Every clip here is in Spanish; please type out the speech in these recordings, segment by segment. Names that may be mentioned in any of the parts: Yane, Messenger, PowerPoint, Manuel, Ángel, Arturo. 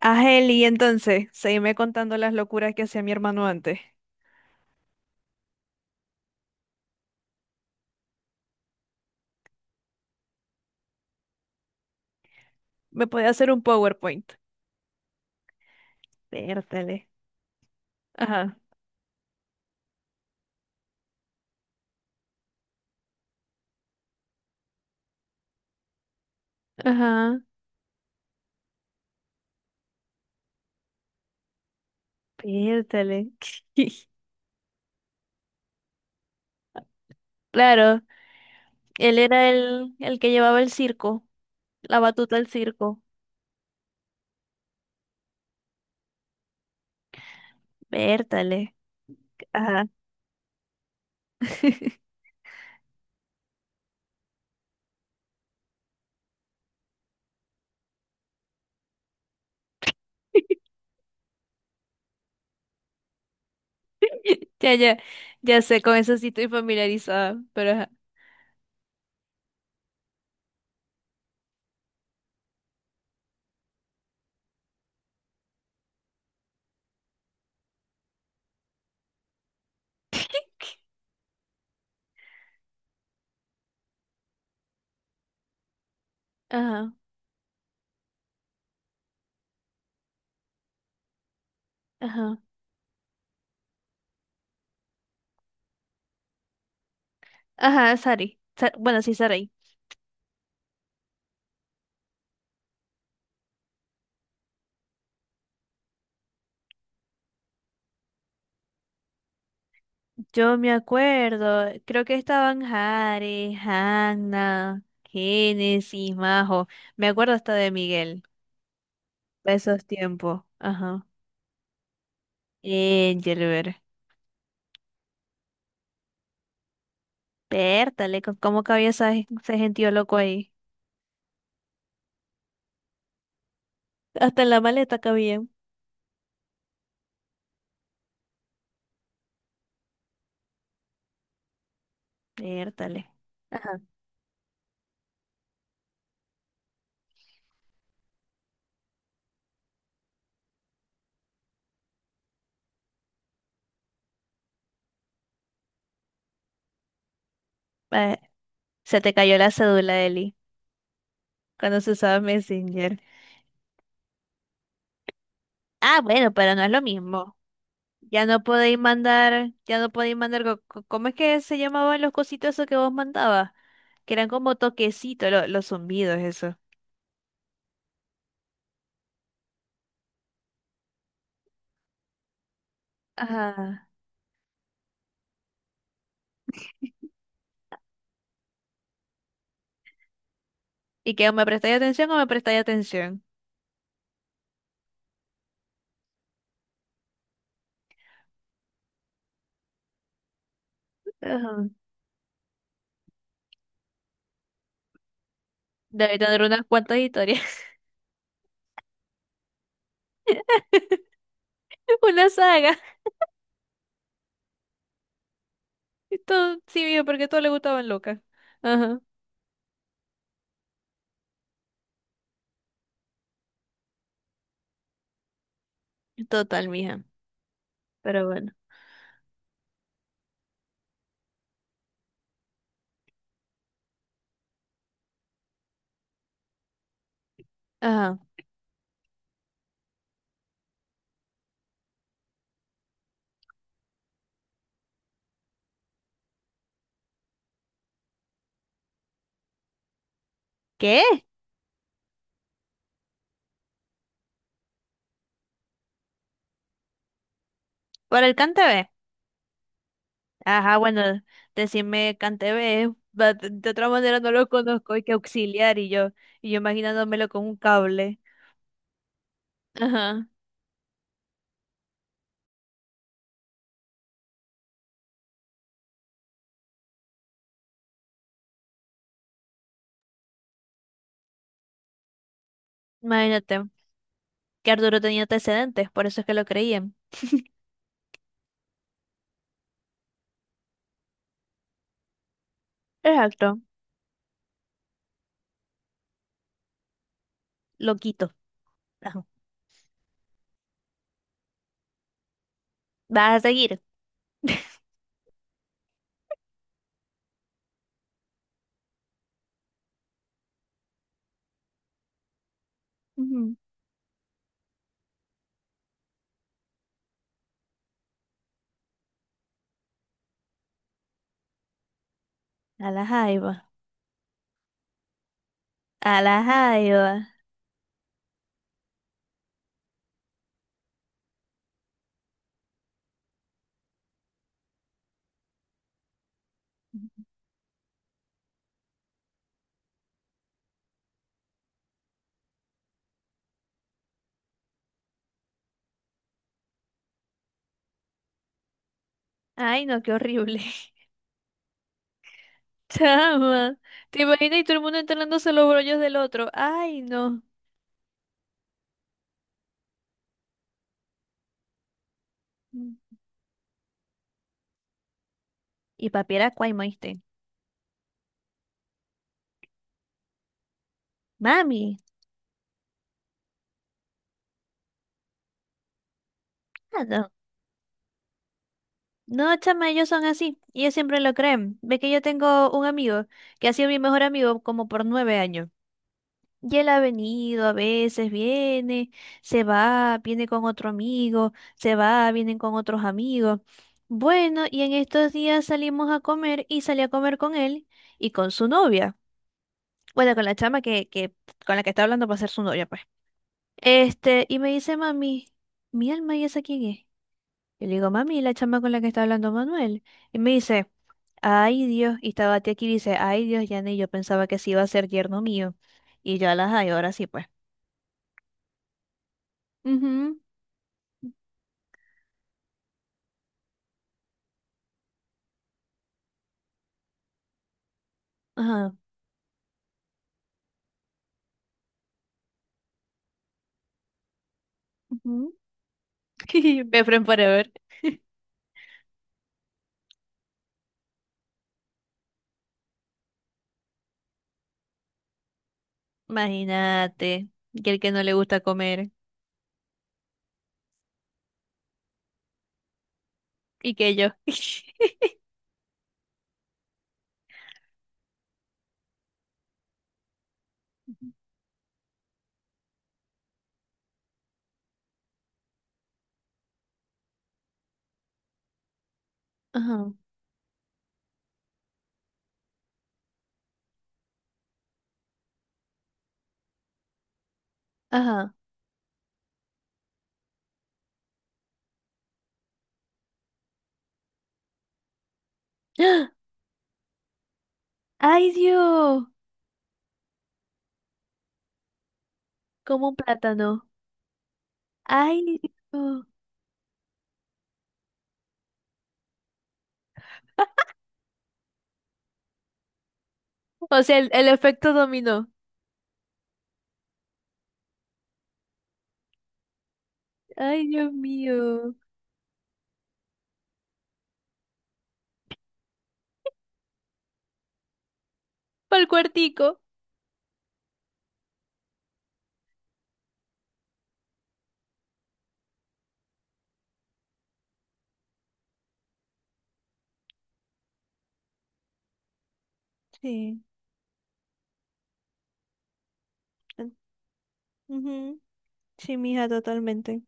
Ángel, y entonces, seguime contando las locuras que hacía mi hermano antes. Me podía hacer un PowerPoint. Pértale. Ajá, ajá, pértale. Claro, él era el que llevaba el circo, la batuta del circo. Pértale. Ajá. Ya, ya, ya sé, con eso sí estoy familiarizada, pero ajá. Ajá, ajá. Ajá, Sari. Sa- bueno, sí, Saray. Yo me acuerdo, creo que estaban Jare, Hanna, Génesis, Majo. Me acuerdo hasta de Miguel, de esos tiempos. Ajá. Engelbert. Pértale, co- ¿cómo cabía esa- ese gentío loco ahí? Hasta en la maleta cabía. Pértale. Ajá. Eh, Se te cayó la cédula, Eli, cuando se usaba Messenger. Ah, bueno, pero no es lo mismo. Ya no podéis mandar, ya no podéis mandar, co- co- ¿cómo es que se llamaban los cositos esos que vos mandabas, que eran como toquecitos lo- los zumbidos? Eso. Ajá. Y que o me prestáis atención o me prestáis atención. Ajá. Debe tener unas cuantas historias. Una saga. Esto sí, mija, porque todo le gustaban locas. Ajá, total, mija. Pero bueno. Ajá. ¿Qué? ¿Por el Cantebe? Ajá, bueno, decirme Cantebe. Va- de otra manera no lo conozco, hay que auxiliar y yo imaginándomelo con un cable. Ajá. Imagínate que Arturo tenía antecedentes, por eso es que lo creían. Exacto. Loquito. Ajá. Vas a seguir. Ujú. A la jaiba. A la jaiba. Ay, no, qué horrible. Chama. ¿Te imaginas y todo el mundo enterándose los brollos del otro? Ay, no. Mm. Y papi era cuaimo, ¿viste? Mami. Ah, no. No, chama, ellos son así. Ellos siempre lo creen. Ve que yo tengo un amigo que ha sido mi mejor amigo como por 9 años. Y él ha venido a veces, viene, se va, viene con otro amigo, se va, vienen con otros amigos. Bueno, y en estos días salimos a comer y salí a comer con él y con su novia. Bueno, con la chama que con la que está hablando para ser su novia, pues. Y me dice, mami, mi alma, ¿y esa quién es? Yo le digo, mami, la chama con la que está hablando Manuel. Y me dice, ay Dios, y estaba aquí y dice, ay Dios, Yane, yo pensaba que sí iba a ser yerno mío. Y yo las, ay, ahora sí, pues. Ajá. Ujú. Befriend Forever. Imagínate. Que el que no le gusta comer. Y que yo. Ajá. Ajá. ¡Ah! ¡Ay, Dios! Como un plátano. ¡Ay, Dios! O sea, el efecto dominó. ¡Ay, Dios mío! Para el cuartico. Sí. En- ujú. Sí, mija, totalmente.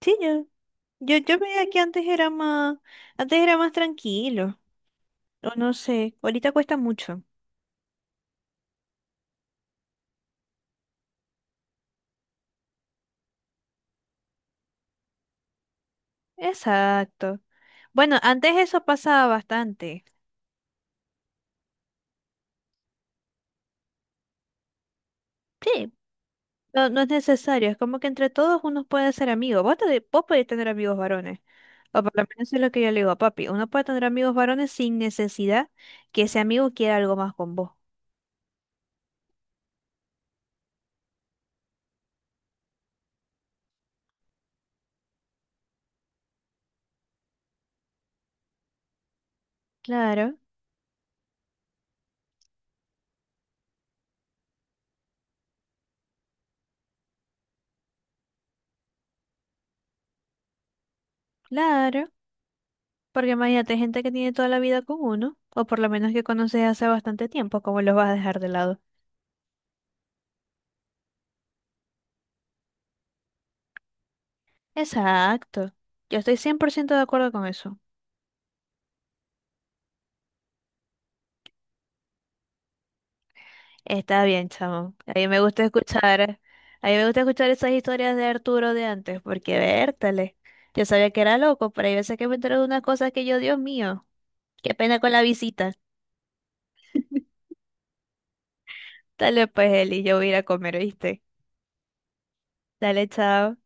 Sí, yo veía que antes era más tranquilo. O no sé, ahorita cuesta mucho. Exacto. Bueno, antes eso pasaba bastante. Sí. No, no es necesario, es como que entre todos uno puede ser amigo. Vos, te- vos podés tener amigos varones, o por lo menos es lo que yo le digo a papi. Uno puede tener amigos varones sin necesidad que ese amigo quiera algo más con vos. Claro, claro, porque imagínate hay gente que tiene toda la vida con uno, o por lo menos que conoces hace bastante tiempo, ¿cómo los vas a dejar de lado? Exacto, yo estoy 100% de acuerdo con eso. Está bien, chamo. A mí me gusta escuchar, a mí me gusta escuchar esas historias de Arturo de antes, porque vértale. Yo sabía que era loco, pero hay veces que me entero de unas cosas que yo, Dios mío, qué pena con la visita. Dale pues, Eli, yo voy a ir a comer, ¿viste? Dale, chao.